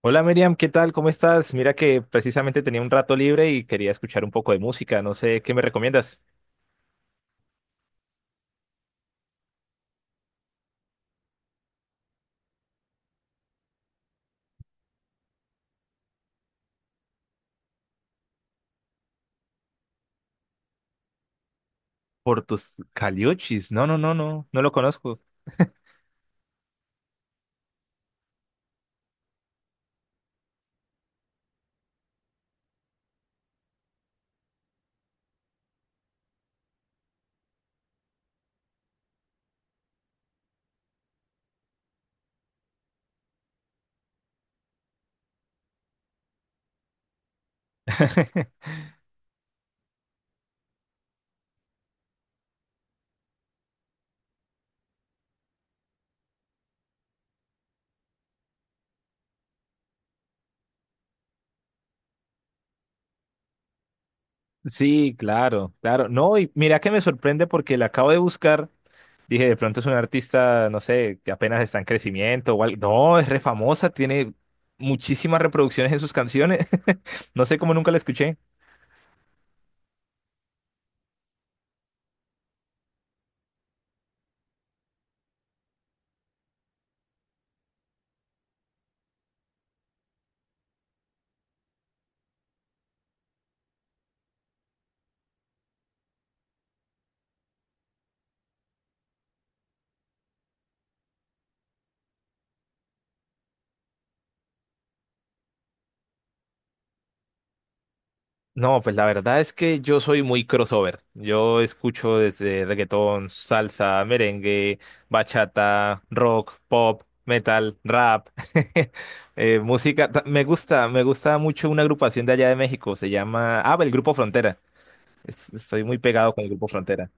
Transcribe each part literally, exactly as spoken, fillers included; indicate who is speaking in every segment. Speaker 1: Hola Miriam, ¿qué tal? ¿Cómo estás? Mira que precisamente tenía un rato libre y quería escuchar un poco de música. No sé, ¿qué me recomiendas? Por tus caliuchis. No, no, no, no, no lo conozco. Sí, claro, claro. No, y mira que me sorprende porque la acabo de buscar. Dije, de pronto es un artista, no sé, que apenas está en crecimiento o algo. No, es re famosa, tiene muchísimas reproducciones en sus canciones. No sé cómo nunca la escuché. No, pues la verdad es que yo soy muy crossover. Yo escucho desde reggaetón, salsa, merengue, bachata, rock, pop, metal, rap, eh, música. ta- Me gusta, me gusta mucho una agrupación de allá de México. Se llama, ah, el Grupo Frontera. Es- Estoy muy pegado con el Grupo Frontera.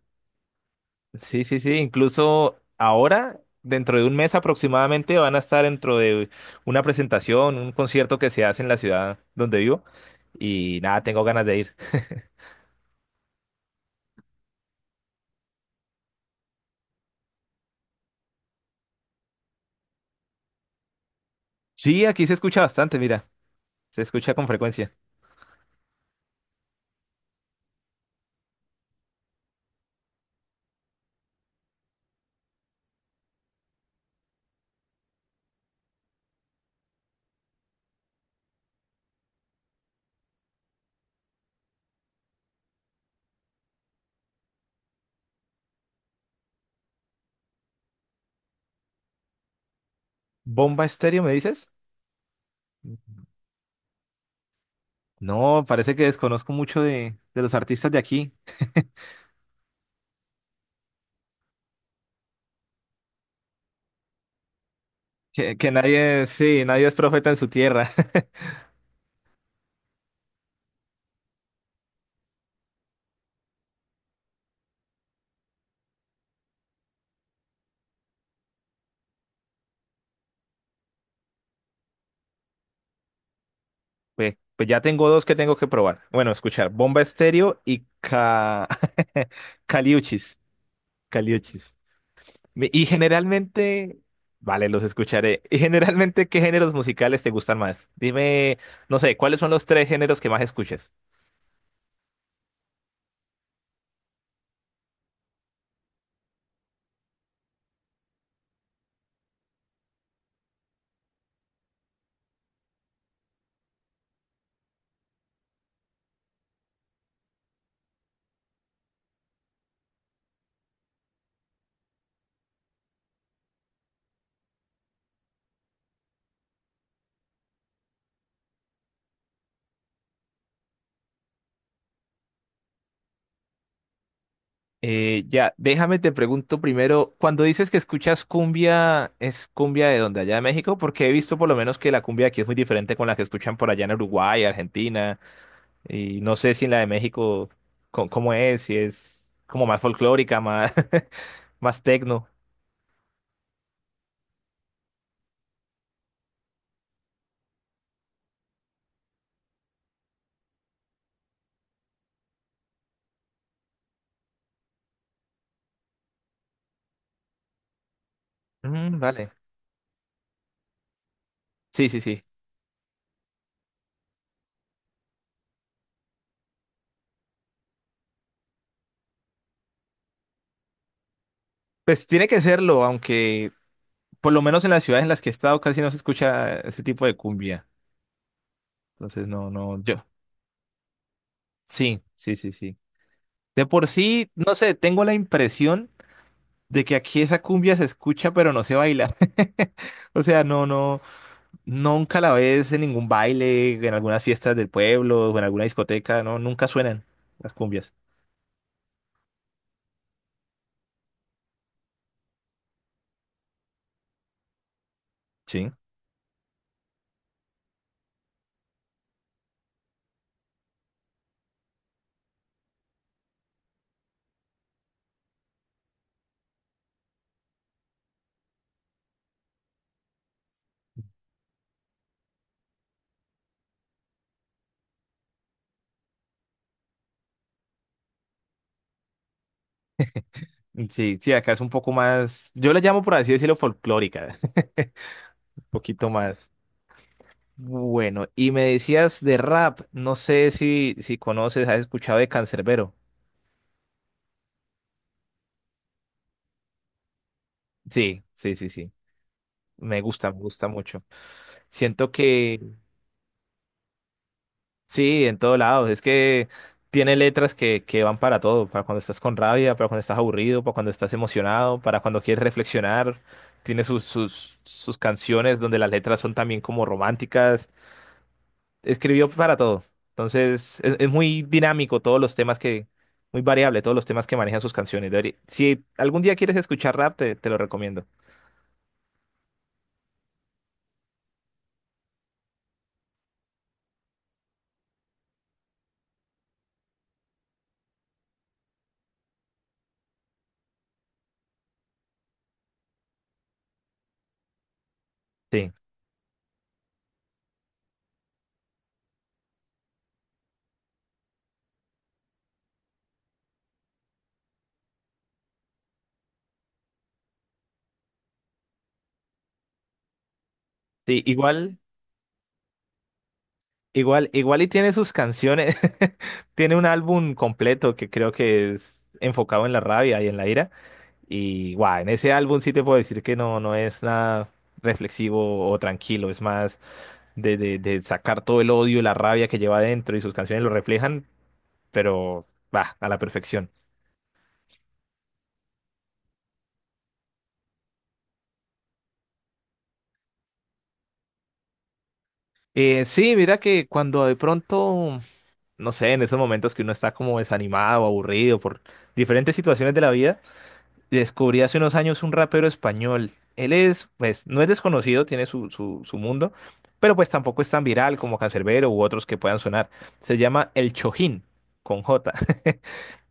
Speaker 1: Sí, sí, sí. Incluso ahora, dentro de un mes aproximadamente, van a estar dentro de una presentación, un concierto que se hace en la ciudad donde vivo. Y nada, tengo ganas de ir. Sí, aquí se escucha bastante, mira, se escucha con frecuencia. ¿Bomba estéreo, me dices? No, parece que desconozco mucho de, de los artistas de aquí. Que, que nadie, sí, nadie es profeta en su tierra. Pues, pues ya tengo dos que tengo que probar. Bueno, escuchar, Bomba Estéreo y Ca... Caliuchis, Caliuchis. Mi- Y generalmente, vale, los escucharé. Y generalmente, ¿qué géneros musicales te gustan más? Dime, no sé, ¿cuáles son los tres géneros que más escuchas? Eh, ya, déjame te pregunto primero, cuando dices que escuchas cumbia, ¿es cumbia de donde allá de México? Porque he visto por lo menos que la cumbia aquí es muy diferente con la que escuchan por allá en Uruguay, Argentina, y no sé si en la de México, co- ¿cómo es? Si es como más folclórica, más, más tecno. Mm, vale. Sí, sí, sí. Pues tiene que serlo, aunque por lo menos en las ciudades en las que he estado casi no se escucha ese tipo de cumbia. Entonces, no, no, yo. Sí, sí, sí, sí. De por sí, no sé, tengo la impresión de que aquí esa cumbia se escucha pero no se baila. O sea, no, no, nunca la ves en ningún baile, en algunas fiestas del pueblo o en alguna discoteca, no, nunca suenan las cumbias. Sí. Mm, sí, sí, acá es un poco más, yo la llamo por así decirlo folclórica, un poquito más. Bueno, y me decías de rap, no sé si, si conoces, has escuchado de Canserbero. Sí, sí, sí, sí. Me gusta, me gusta mucho. Siento que sí, en todos lados. Es que tiene letras que, que van para todo, para cuando estás con rabia, para cuando estás aburrido, para cuando estás emocionado, para cuando quieres reflexionar. Tiene sus, sus, sus canciones donde las letras son también como románticas. Escribió para todo. Entonces, es, es muy dinámico todos los temas que, muy variable todos los temas que manejan sus canciones. Deberí- si algún día quieres escuchar rap, te, te lo recomiendo. Sí. Sí, igual. Igual, igual y tiene sus canciones. Tiene un álbum completo que creo que es enfocado en la rabia y en la ira. Y guau, en ese álbum sí te puedo decir que no, no es nada reflexivo o tranquilo, es más de, de, de sacar todo el odio y la rabia que lleva adentro y sus canciones lo reflejan, pero va, a la perfección. Eh, sí, mira que cuando de pronto, no sé, en esos momentos que uno está como desanimado, aburrido por diferentes situaciones de la vida descubrí hace unos años un rapero español. Él es, pues, no es desconocido, tiene su, su, su mundo, pero pues tampoco es tan viral como Canserbero u otros que puedan sonar. Se llama El Chojín, con J.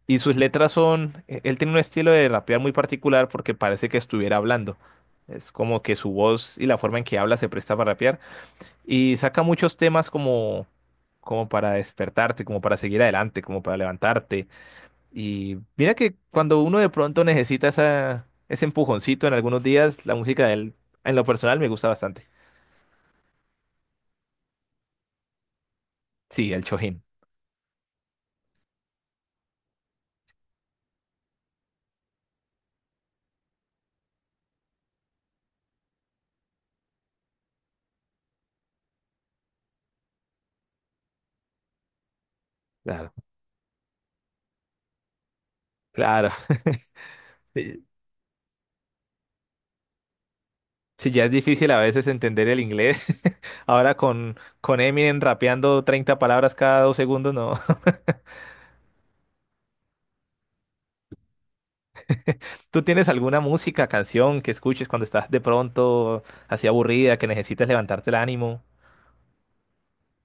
Speaker 1: Y sus letras son, e- él tiene un estilo de rapear muy particular porque parece que estuviera hablando. Es como que su voz y la forma en que habla se presta para rapear. Y saca muchos temas como, como para despertarte, como para seguir adelante, como para levantarte. Y mira que cuando uno de pronto necesita esa, ese empujoncito en algunos días, la música de él, en lo personal, me gusta bastante. Sí, el chojin. Claro, claro. Si sí, ya es difícil a veces entender el inglés. Ahora con, con Eminem rapeando treinta palabras cada dos segundos, no. ¿Tú tienes alguna música, canción que escuches cuando estás de pronto así aburrida, que necesitas levantarte el ánimo?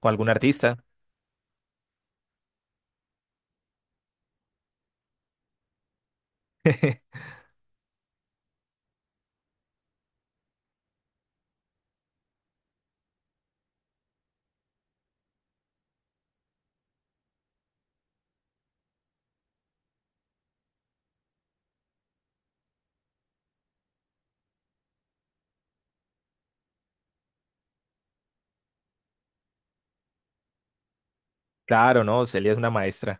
Speaker 1: ¿O algún artista? Claro, no, Celia es una maestra.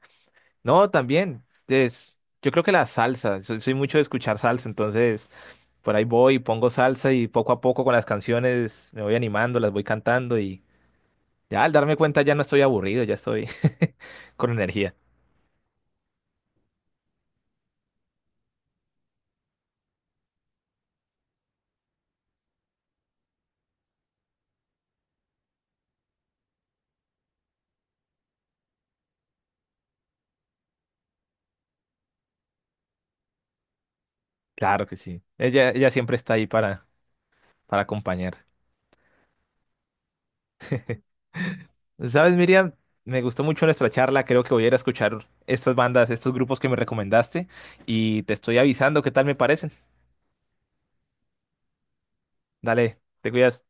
Speaker 1: No, también. Es, yo creo que la salsa. Soy, soy mucho de escuchar salsa, entonces por ahí voy, pongo salsa y poco a poco con las canciones me voy animando, las voy cantando y ya al darme cuenta ya no estoy aburrido, ya estoy con energía. Claro que sí. Ella, ella siempre está ahí para, para acompañar. ¿Sabes, Miriam? Me gustó mucho nuestra charla. Creo que voy a ir a escuchar estas bandas, estos grupos que me recomendaste y te estoy avisando qué tal me parecen. Dale, te cuidas.